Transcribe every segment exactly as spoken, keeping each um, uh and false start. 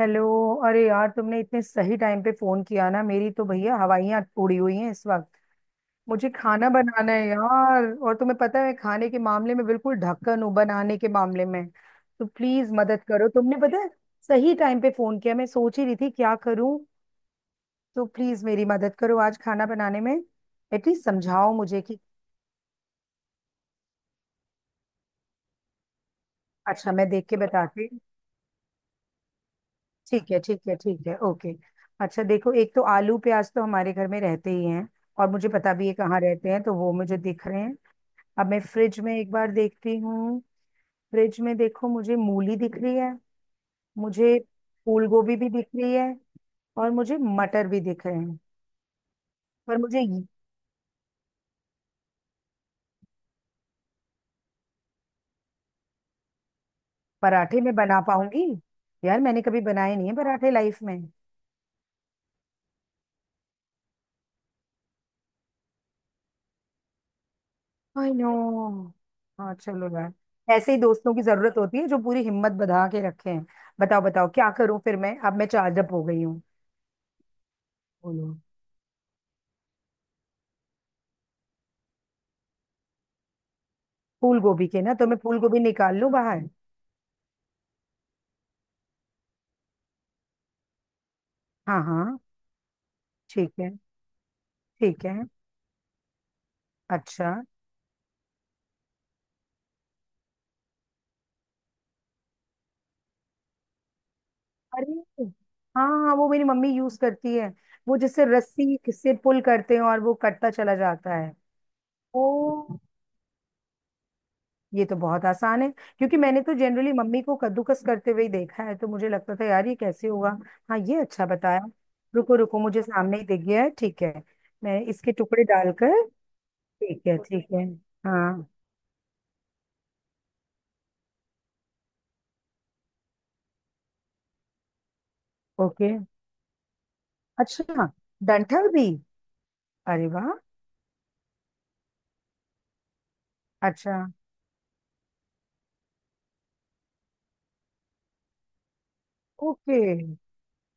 Hello. अरे यार, तुमने इतने सही टाइम पे फोन किया ना, मेरी तो भैया हवाइयाँ उड़ी हुई हैं इस वक्त। मुझे खाना बनाना है यार, और तुम्हें पता है मैं खाने के मामले में बिल्कुल ढक्कन हूँ, बनाने के मामले में। तो प्लीज मदद करो, तुमने पता है सही टाइम पे फोन किया, मैं सोच ही रही थी क्या करूं। तो प्लीज मेरी मदद करो आज खाना बनाने में। एटलीस्ट समझाओ मुझे कि अच्छा मैं देख के बताती। ठीक है ठीक है ठीक है, ओके। अच्छा देखो, एक तो आलू प्याज तो हमारे घर में रहते ही हैं और मुझे पता भी है कहाँ रहते हैं, तो वो मुझे दिख रहे हैं। अब मैं फ्रिज में एक बार देखती हूँ। फ्रिज में देखो, मुझे मूली दिख रही है। मुझे फूल गोभी भी दिख रही है, और मुझे मटर भी दिख रहे हैं। पर मुझे ये- पराठे में बना पाऊंगी? यार मैंने कभी बनाए नहीं है पराठे लाइफ में। I know. हाँ चलो यार, ऐसे ही दोस्तों की जरूरत होती है जो पूरी हिम्मत बधा के रखे हैं। बताओ बताओ क्या करूं फिर, मैं अब मैं चार्जअप हो गई हूँ। बोलो। फूल गोभी के ना, तो मैं फूल गोभी निकाल लूं बाहर? हाँ हाँ। ठीक है ठीक है। अच्छा। अरे हाँ हाँ, वो मेरी मम्मी यूज करती है, वो जिससे रस्सी से पुल करते हैं और वो कटता चला जाता है। ओ, ये तो बहुत आसान है, क्योंकि मैंने तो जनरली मम्मी को कद्दूकस करते हुए ही देखा है, तो मुझे लगता था यार ये कैसे होगा। हाँ, ये अच्छा बताया। रुको रुको, मुझे सामने ही दिख गया है। ठीक है, मैं इसके टुकड़े डालकर। ठीक है ठीक है। हाँ। ओके। अच्छा, डंठल भी? अरे वाह। अच्छा। ओके।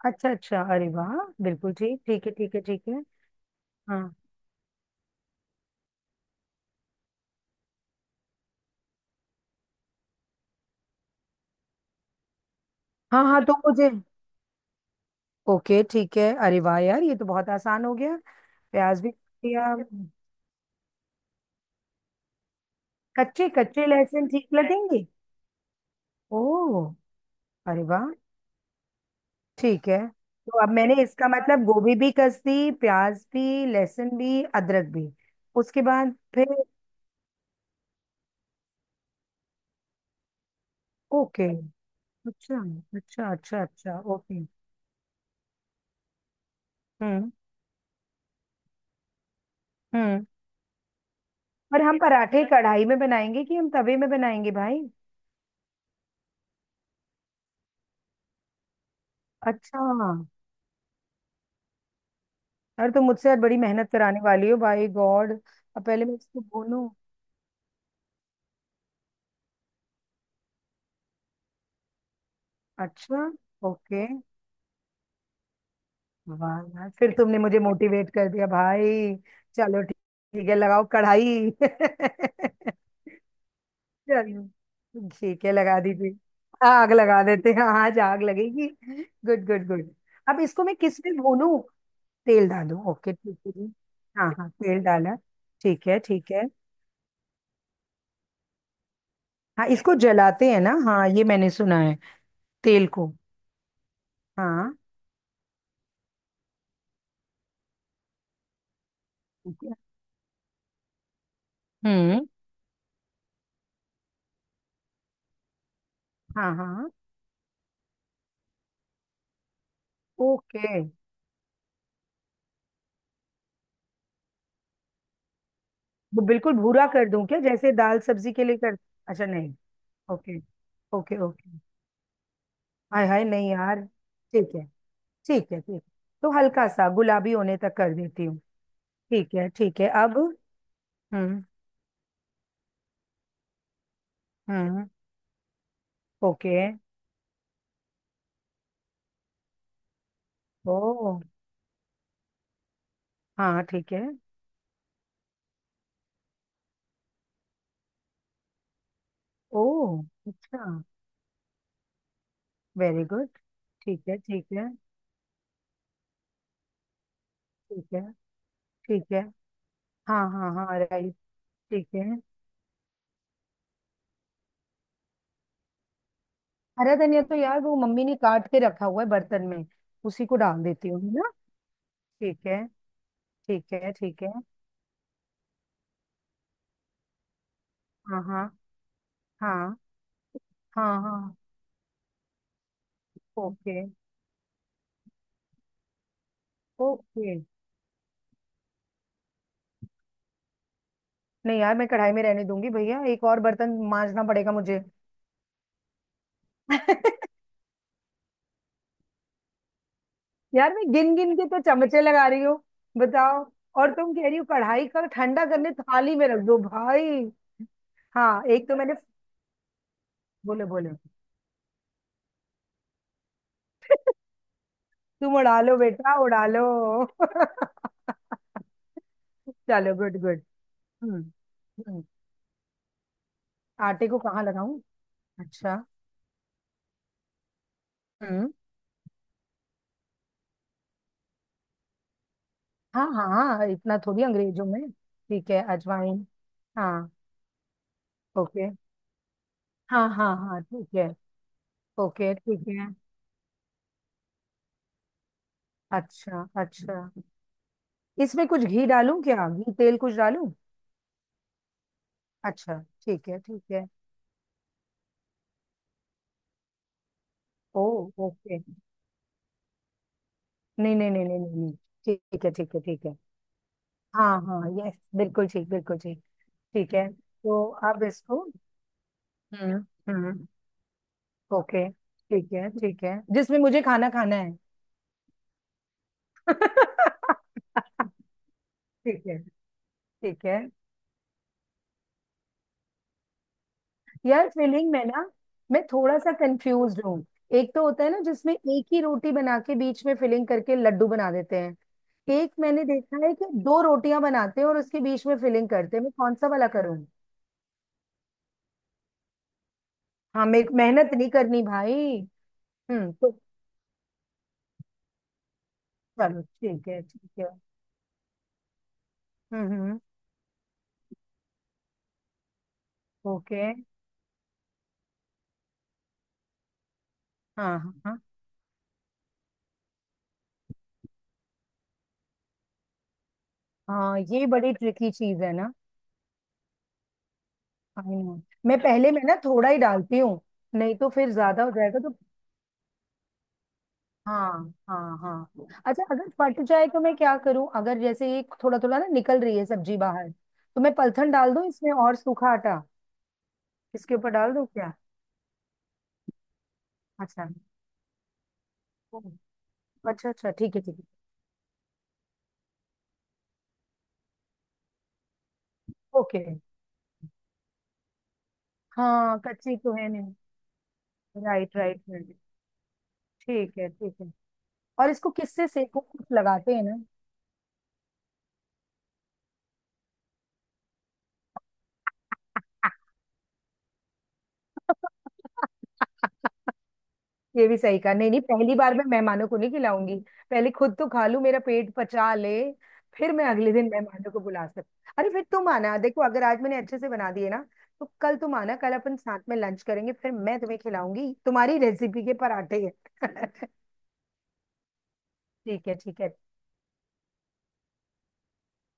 अच्छा अच्छा, अरे वाह, बिल्कुल ठीक। ठीक है ठीक है ठीक है। हाँ हाँ हाँ तो मुझे। ओके ठीक है, अरे वाह यार, ये तो बहुत आसान हो गया। प्याज भी दिया। कच्चे कच्चे लहसुन ठीक लगेंगे? ओह। अरे वाह। ठीक है। तो अब मैंने इसका मतलब गोभी भी कस दी, प्याज भी, लहसुन भी, अदरक भी। उसके बाद फिर? ओके। अच्छा अच्छा अच्छा, अच्छा ओके। हम्म। हम्म। पर हम पराठे कढ़ाई में बनाएंगे कि हम तवे में बनाएंगे भाई? अच्छा। अरे तो मुझसे आज बड़ी मेहनत कराने वाली हो भाई, गॉड। अब पहले मैं इसको भूनूं। अच्छा। ओके। वाह। यार, फिर तुमने मुझे मोटिवेट कर दिया भाई। चलो ठीक, ठीक है लगाओ कढ़ाई। चलो। ठीक है, लगा दीजिए। आग लगा देते हैं। हाँ, आज आग लगेगी। Good good good. अब इसको मैं किस में भूनूं, तेल डालूं? ओके ठीक है जी। हाँ हाँ तेल डाला। ठीक है ठीक है। हाँ, इसको जलाते हैं ना, हाँ ये मैंने सुना है, तेल को। हाँ ठीक है। हम्म। हाँ हाँ। ओके। वो बिल्कुल भूरा कर दूं क्या, जैसे दाल सब्जी के लिए कर? अच्छा नहीं। Okay okay okay. हाय हाय, नहीं यार। ठीक है ठीक है ठीक है। तो हल्का सा गुलाबी होने तक कर देती हूँ। ठीक है ठीक है, अब? हम्म। हम्म। ओके। ओ। हाँ ठीक है। ओ, अच्छा, वेरी गुड। ठीक है ठीक है ठीक है ठीक है। हाँ हाँ हाँ राइट। ठीक है। हरा धनिया तो यार वो मम्मी ने काट के रखा हुआ है बर्तन में, उसी को डाल देती हूँ है ना। ठीक है ठीक है ठीक है। हाँ हाँ हाँ। हाँ हाँ। Okay okay. नहीं यार, मैं कढ़ाई में रहने दूंगी भैया, एक और बर्तन मांजना पड़ेगा मुझे। यार मैं गिन गिन के तो चमचे लगा रही हूँ, बताओ, और तुम कह रही हो कढ़ाई का ठंडा करने थाली में रख दो भाई। हाँ एक तो मैंने, बोलो बोलो। तुम उड़ा लो बेटा, उड़ा लो। चलो गुड गुड। हम्म। हम्म। आटे को कहाँ लगाऊं? अच्छा। हम्म। हाँ हाँ। हाँ, इतना थोड़ी अंग्रेजों में, ठीक है अजवाइन। हाँ। ओके। हाँ हाँ हाँ ठीक है। ओके ठीक है। अच्छा अच्छा। इसमें कुछ घी डालूं क्या, घी तेल कुछ डालूं? अच्छा। ठीक है ठीक है। ओ। ओके। नहीं नहीं नहीं नहीं नहीं नहीं। ठीक है ठीक है ठीक है। हाँ हाँ, यस बिल्कुल ठीक, बिल्कुल ठीक। ठीक है, तो अब इसको। हम्म। हम्म। ओके ठीक है ठीक है, जिसमें मुझे खाना खाना है। ठीक है। ठीक है, यार फिलिंग में ना मैं थोड़ा सा कंफ्यूज हूँ। एक तो होता है ना जिसमें एक ही रोटी बना के बीच में फिलिंग करके लड्डू बना देते हैं, एक मैंने देखा है कि दो रोटियां बनाते हैं और उसके बीच में फिलिंग करते हैं, मैं कौन सा वाला करूँ? हाँ मेरे को मेहनत नहीं करनी भाई। हम्म, तो चलो ठीक है ठीक है। हम्म हम्म हम्म, ओके। हाँ हाँ हाँ। हाँ, ये बड़ी ट्रिकी चीज है ना। आई नो, मैं पहले में ना थोड़ा ही डालती हूँ, नहीं तो फिर ज्यादा हो जाएगा तो। हाँ हाँ हाँ, अच्छा अगर फट जाए तो मैं क्या करूं, अगर जैसे ये थोड़ा थोड़ा ना निकल रही है सब्जी बाहर, तो मैं पलथन डाल दूं इसमें, और सूखा आटा इसके ऊपर डाल दूं क्या? अच्छा। हम्म, अच्छा अच्छा, ठीक है ठीक है। ओके। हाँ, कच्ची तो है नहीं। Right right right. ठीक है ठीक है। और इसको किससे सेको, कुछ लगाते हैं ना? ये भी सही कहा, नहीं नहीं, पहली बार मैं मेहमानों को नहीं खिलाऊंगी, पहले खुद तो खा लूं, मेरा पेट पचा ले, फिर मैं अगले दिन मेहमानों को बुला सकती। अरे फिर तुम आना, देखो अगर आज मैंने अच्छे से बना दिए ना, तो कल तुम आना, कल अपन साथ में लंच करेंगे, फिर मैं तुम्हें खिलाऊंगी तुम्हारी रेसिपी के पराठे। ठीक है ठीक है।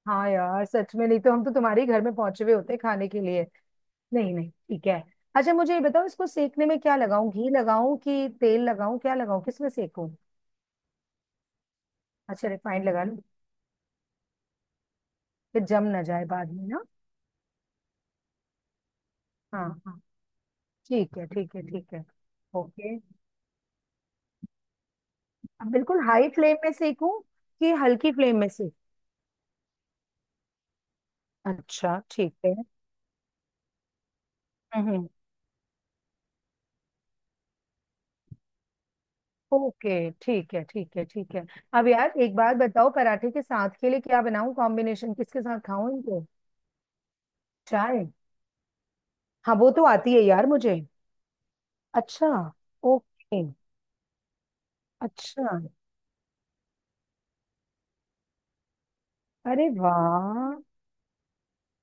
हाँ यार सच में, नहीं तो हम तो तुम्हारे ही घर में पहुंचे हुए होते खाने के लिए। नहीं नहीं, ठीक है। अच्छा मुझे ये बताओ, इसको सेकने में क्या लगाऊं, घी लगाऊं कि तेल लगाऊं, क्या लगाऊं, किसमें सेकूं? अच्छा, रिफाइंड लगा लूं? फिर जम ना जाए बाद में ना। हाँ हाँ। ठीक है ठीक है ठीक है। ओके, अब बिल्कुल हाई फ्लेम में सेकूं कि हल्की फ्लेम में सेक? अच्छा ठीक है। हम्म। ओके ठीक है ठीक है ठीक है। अब यार एक बात बताओ, पराठे के साथ के लिए क्या बनाऊं, कॉम्बिनेशन किसके साथ खाऊं इनको? चाय। हाँ वो तो आती है यार मुझे। अच्छा। ओके। अच्छा। अरे वाह,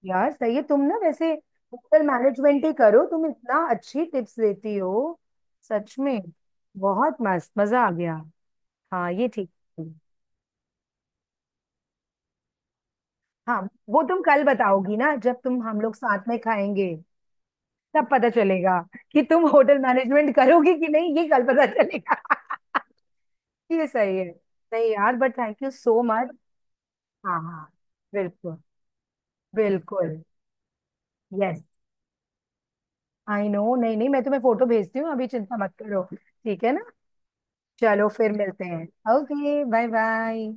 यार सही है तुम ना, वैसे होटल मैनेजमेंट ही करो तुम, इतना अच्छी टिप्स देती हो। सच में, बहुत मस्त, मजा आ गया। हाँ ये ठीक है। हाँ, वो तुम कल बताओगी ना, जब तुम हम लोग साथ में खाएंगे, तब पता चलेगा कि तुम होटल मैनेजमेंट करोगी कि नहीं, ये कल पता चलेगा। ये सही है। नहीं यार, but thank you so much. हाँ हाँ। बिल्कुल। बिल्कुल। यस। आई नो, नहीं नहीं, मैं तुम्हें फोटो भेजती हूँ अभी, चिंता मत करो, ठीक है ना। चलो फिर मिलते हैं, ओके बाय बाय।